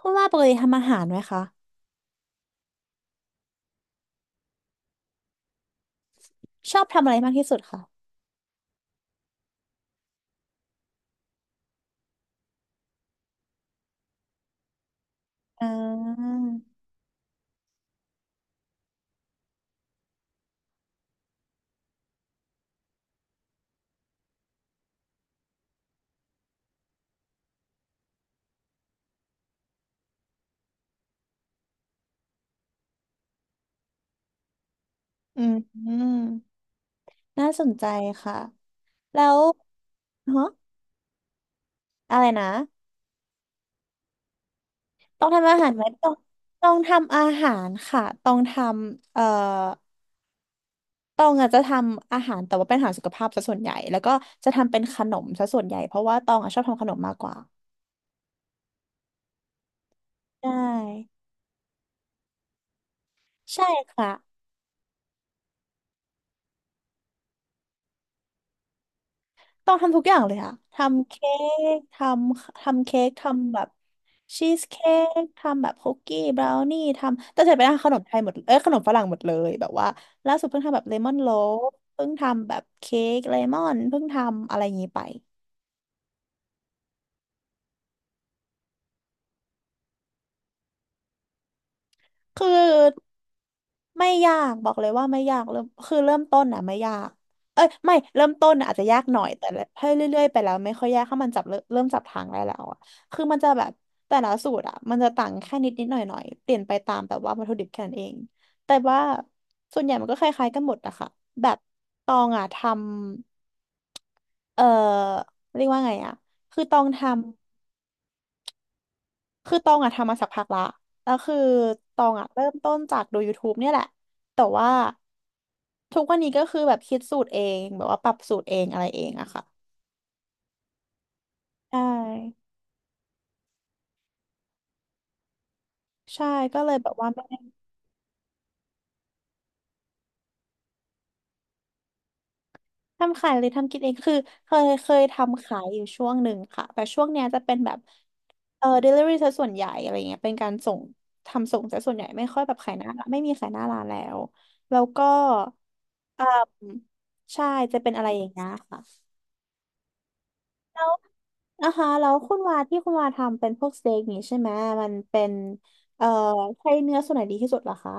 คุณว่าปกติทำอาหารไหมคะชอบทำอะไรมากที่สุดคะอ่าอืมอืมน่าสนใจค่ะแล้วฮะอะไรนะต้องทำอาหารไหมต้องทำอาหารค่ะต้องทำต้องอาจจะทำอาหารแต่ว่าเป็นอาหารสุขภาพซะส่วนใหญ่แล้วก็จะทำเป็นขนมซะส่วนใหญ่เพราะว่าตองอะชอบทำขนมมากกว่าได้ใช่ค่ะ ต้องทำทุกอย่างเลยค่ะทำเค้กทำเค้กทำแบบชีสเค้กทำแบบคุกกี้บราวนี่ ทำแต่เสร็จไปแล้วขนมไทยหมดเอ้ยขนมฝรั่งหมดเลย แบบว่าล่าสุดเพิ่งทำแบบเลมอนโลฟเพิ่งทำแบบเค้กเลมอนเพิ่งทำอะไรอย่างนี้ไป คือไม่ยากบอกเลยว่าไม่ยากเริ่มคือเริ่มต้นอ่ะไม่ยากเอ้ยไม่เริ่มต้นน่ะอาจจะยากหน่อยแต่ถ้เรื่อยๆไปแล้วไม่ค่อยยากถ้ามันจับเริ่มจับทางได้แล้วอ่ะคือมันจะแบบแต่ละสูตรอ่ะมันจะต่างแค่นิดนิดหน่อยหน่อยเปลี่ยนไปตามแบบว่าวัตถุดิบแค่นั้นเองแต่ว่าส่วนใหญ่มันก็คล้ายๆกันหมดนะคะแบบตองอ่ะทำเอ่อเรียกว่าไงอ่ะคือตองทำ คือตองอะทำมาสักพักละ แล้วคือตองอะเริ่มต้นจากดู YouTube เนี่ยแหละ แต่ว่าทุกวันนี้ก็คือแบบคิดสูตรเองแบบว่าปรับสูตรเองอะไรเองอะค่ะ ใช่ ใช่ ก็เลยแบบว่าไม่ได้ทำขายเลยทำกินเองคือเคยทำขายอยู่ช่วงหนึ่งค่ะ แต่ช่วงเนี้ยจะเป็นแบบเออ delivery ซะส่วนใหญ่อะไรเงี้ยเป็นการส่งทำส่งซะส่วนใหญ่ไม่ค่อยแบบขายหน้าร้านไม่มีขายหน้าร้านแล้วแล้วก็อ่าใช่จะเป็นอะไรอย่างเงี้ยค่ะ อ่าฮะแล้วคุณวาที่คุณวาทำเป็นพวกสเต็กนี้ใช่ไหมมันเป็นเอ่อใช้เนื้อส่วนไหนดีที่สุดเหรอคะ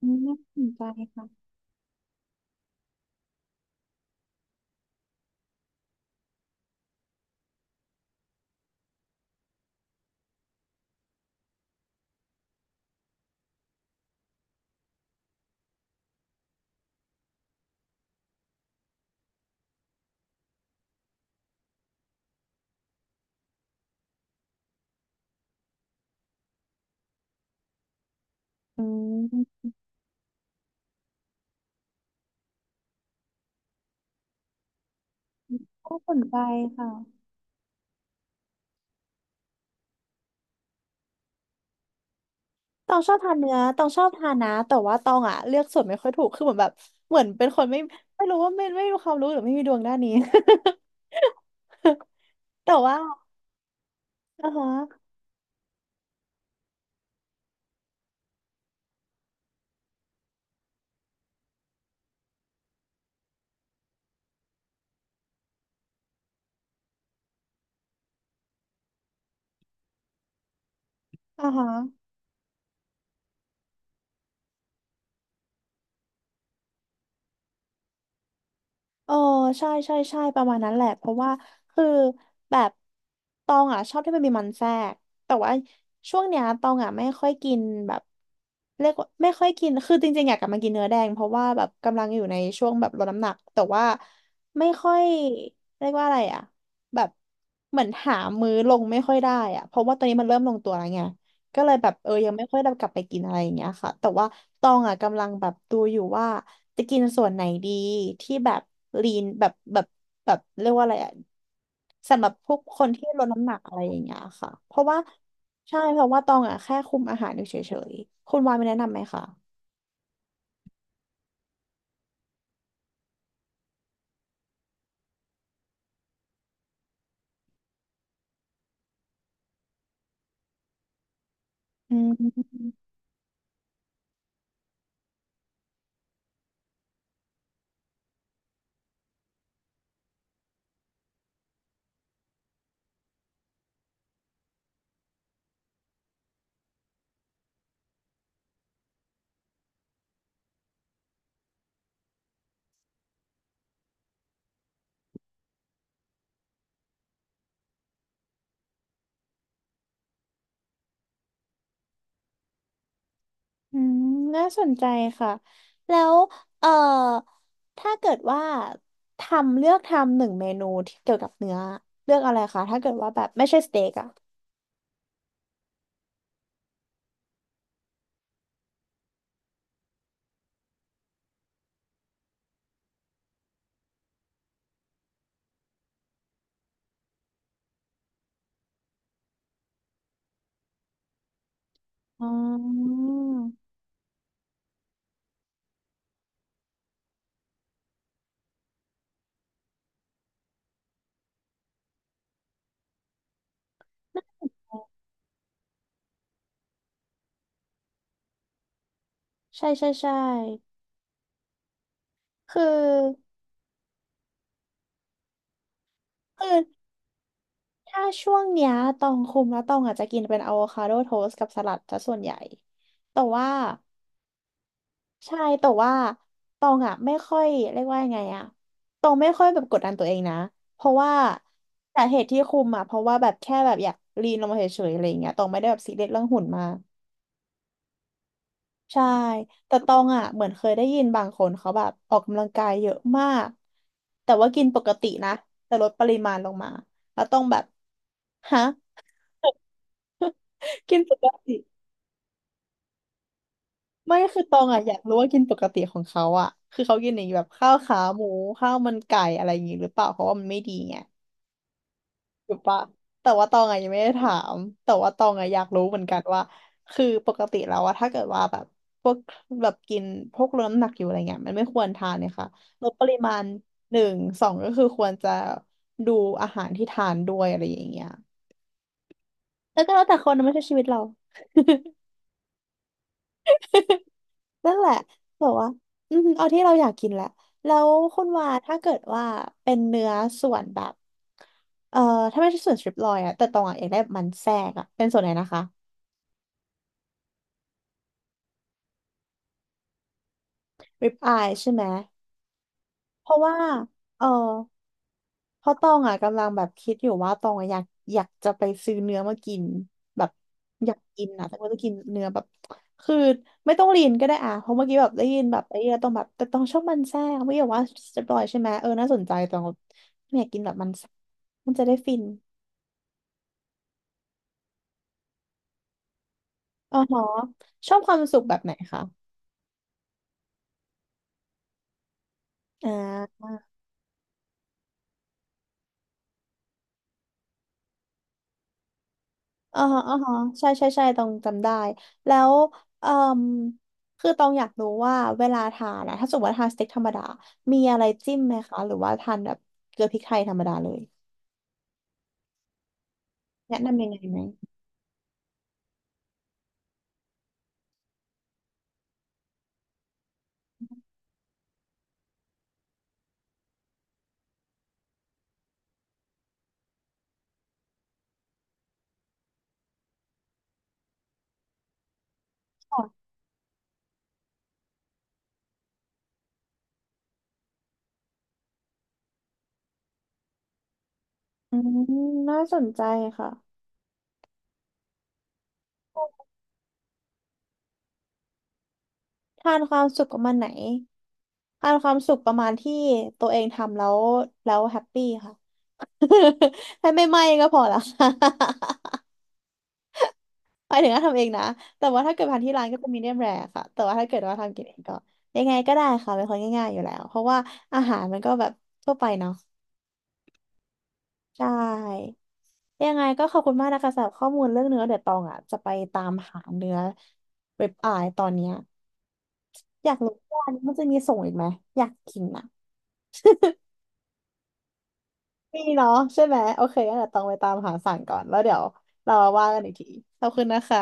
อืมอืมน่าสนใจค่ะอืมก็สนใจค่ะตองชอบทานเนื้อตองชอบทานนะแต่ว่าตองอ่ะเลือกส่วนไม่ค่อยถูกคือเหมือนแบบเหมือนเป็นคนไม่ไม่มีความรู้หรือไม่มีดวงด้านนี้ แต่ว่าอ่าฮะอ่าฮะ เออใช่ใช่ใช่ประมาณนั้นแหละเพราะว่าคือแบบตองอ่ะชอบที่มันมีมันแทรกแต่ว่าช่วงเนี้ยตองอ่ะไม่ค่อยกินแบบเรียกว่าไม่ค่อยกินคือจริงๆอยากกลับมากินเนื้อแดงเพราะว่าแบบกำลังอยู่ในช่วงแบบลดน้ำหนักแต่ว่าไม่ค่อยเรียกว่าอะไรอ่ะแบบเหมือนหามื้อลงไม่ค่อยได้อ่ะเพราะว่าตอนนี้มันเริ่มลงตัวแล้วไง ก็เลยแบบเออยังไม่ค่อยได้กลับไปกินอะไรอย่างเงี้ยค่ะแต่ว่าตองอ่ะกำลังแบบดูอยู่ว่าจะกินส่วนไหนดีที่แบบลีนแบบเรียกว่าอะไรอ่ะสำหรับพวกคนที่ลดน้ำหนักอะไรอย่างเงี้ยค่ะเพราะว่าใช่เพราะว่าตองอ่ะแค่คุมอาหารอยู่เฉยๆคุณวายมีแนะนำไหมคะอืมอืมน่าสนใจค่ะแล้วเอ่อถ้าเกิดว่าทำเลือกทำหนึ่งเมนูที่เกี่ยวกับเนื้อเลือกอะไรคะถ้าเกิดว่าแบบไม่ใช่สเต็กอะ อ๋อใช่ใช่ใช่คือคือถ้าช่วงเนี้ยตองคุมแล้วตองอาจจะกินเป็นอะโวคาโดโทสต์กับสลัดซะส่วนใหญ่แต่ว่าใช่แต่ว่าตองอ่ะไม่ค่อยเรียกว่ายังไงอ่ะตองไม่ค่อยแบบกดดันตัวเองนะเพราะว่าสาเหตุที่คุมอ่ะเพราะว่าแบบแค่แบบอยากลีนลงมาเฉยๆอะไรอย่างเงี้ยตองไม่ได้แบบซีเรียสเรื่องหุ่นมาก ใช่ แต่ตองอ่ะเหมือนเคยได้ยินบางคนเขาแบบออกกำลังกายเยอะมากแต่ว่ากินปกตินะแต่ลดปริมาณลงมาแล้วต้องแบบฮะ กินปกติไม่คือตองอ่ะอยากรู้ว่ากินปกติของเขาอ่ะคือเขากินอย่างแบบข้าวขาหมูข้าวมันไก่อะไรอย่างงี้หรือเปล่าเพราะว่ามันไม่ดีไง ถูกปะแต่ว่าตองอะยังไม่ได้ถามแต่ว่าตองอะอยากรู้เหมือนกันว่าคือปกติแล้วอะถ้าเกิดว่าแบบพวกแบบกินพวกลดน้ำหนักอยู่อะไรเงี้ยมันไม่ควรทานเนี่ยค่ะลดปริมาณหนึ่งสองก็คือควรจะดูอาหารที่ทานด้วยอะไรอย่างเงี้ยแล้วก็แล้วแต่คนนะไม่ใช่ชีวิตเรานั่นแหละแบบว่าอืมเอาที่เราอยากกินแหละแล้วคุณว่าถ้าเกิดว่าเป็นเนื้อส่วนแบบเอ่อถ้าไม่ใช่ส่วนสตริปลอยอะแต่ตองอะอยากได้มันแทรกอะเป็นส่วนไหนนะคะ ริบอายใช่ไหมเพราะว่าเออเพราะตองอ่ะกำลังแบบคิดอยู่ว่าตองอะอยากจะไปซื้อเนื้อมากินแบบอยากกินนะแต่ว่าจะกินเนื้อแบบคือไม่ต้องลีนก็ได้อ่ะเพราะเมื่อกี้แบบได้ยินแบบไอ้เหี้ยต้องแบบแต่ต้องชอบมันแทรกไม่อยากว่าจะปลอยใช่ไหมเออน่าสนใจตองไม่อยากกินแบบมันแทรกมันจะได้ฟินอ๋อหรอชอบความสุขแบบไหนคะอ่า อ่าฮะอ่าฮะใช่ใช่ใช่ตองจำได้ แล้วเอ่มคือตองอยากรู้ว่าเวลาทานอะถ้าสมมติว่าทานสเต็กธรรมดา มีอะไรจิ้มไหมคะ หรือว่าทานแบบเกลือพริกไทยธรรมดาเลยแนะนำยังไงไหมค่ะอืมน่าสนใจค่ะ ทานความสุขประมาณไหน ทานความสุขประมาณที่ตัวเองทำแล้ว แล้วแฮปปี้ค่ะ ให้ไม่ไหม้ก็พอละ หมายถึงว่าทำเองนะ แต่ว่าถ้าเกิดทานที่ร้านก็จะมีเดียมแรค่ะแต่ว่าถ้าเกิดว่าทำกินเองก็ยังไงก็ได้ค่ะ เป็นคนง่ายๆอยู่แล้วเพราะว่าอาหารมันก็แบบทั่วไปเนาะใช่ยังไงก็ขอบคุณมากนะคะสำหรับข้อมูลเรื่องเนื้อเดี๋ยวตองอ่ะจะไปตามหาเนื้อเว็บอายตอนเนี้ยอยากรู้ว่าอันนี้มันจะมีส่งอีกไหมอยากกินนะมีเนาะใช่ไหมโอเคงั้นเดี๋ยวตองไปตามหาสั่งก่อนแล้วเดี๋ยวเรามาว่ากันอีกทีขอบคุณนะคะ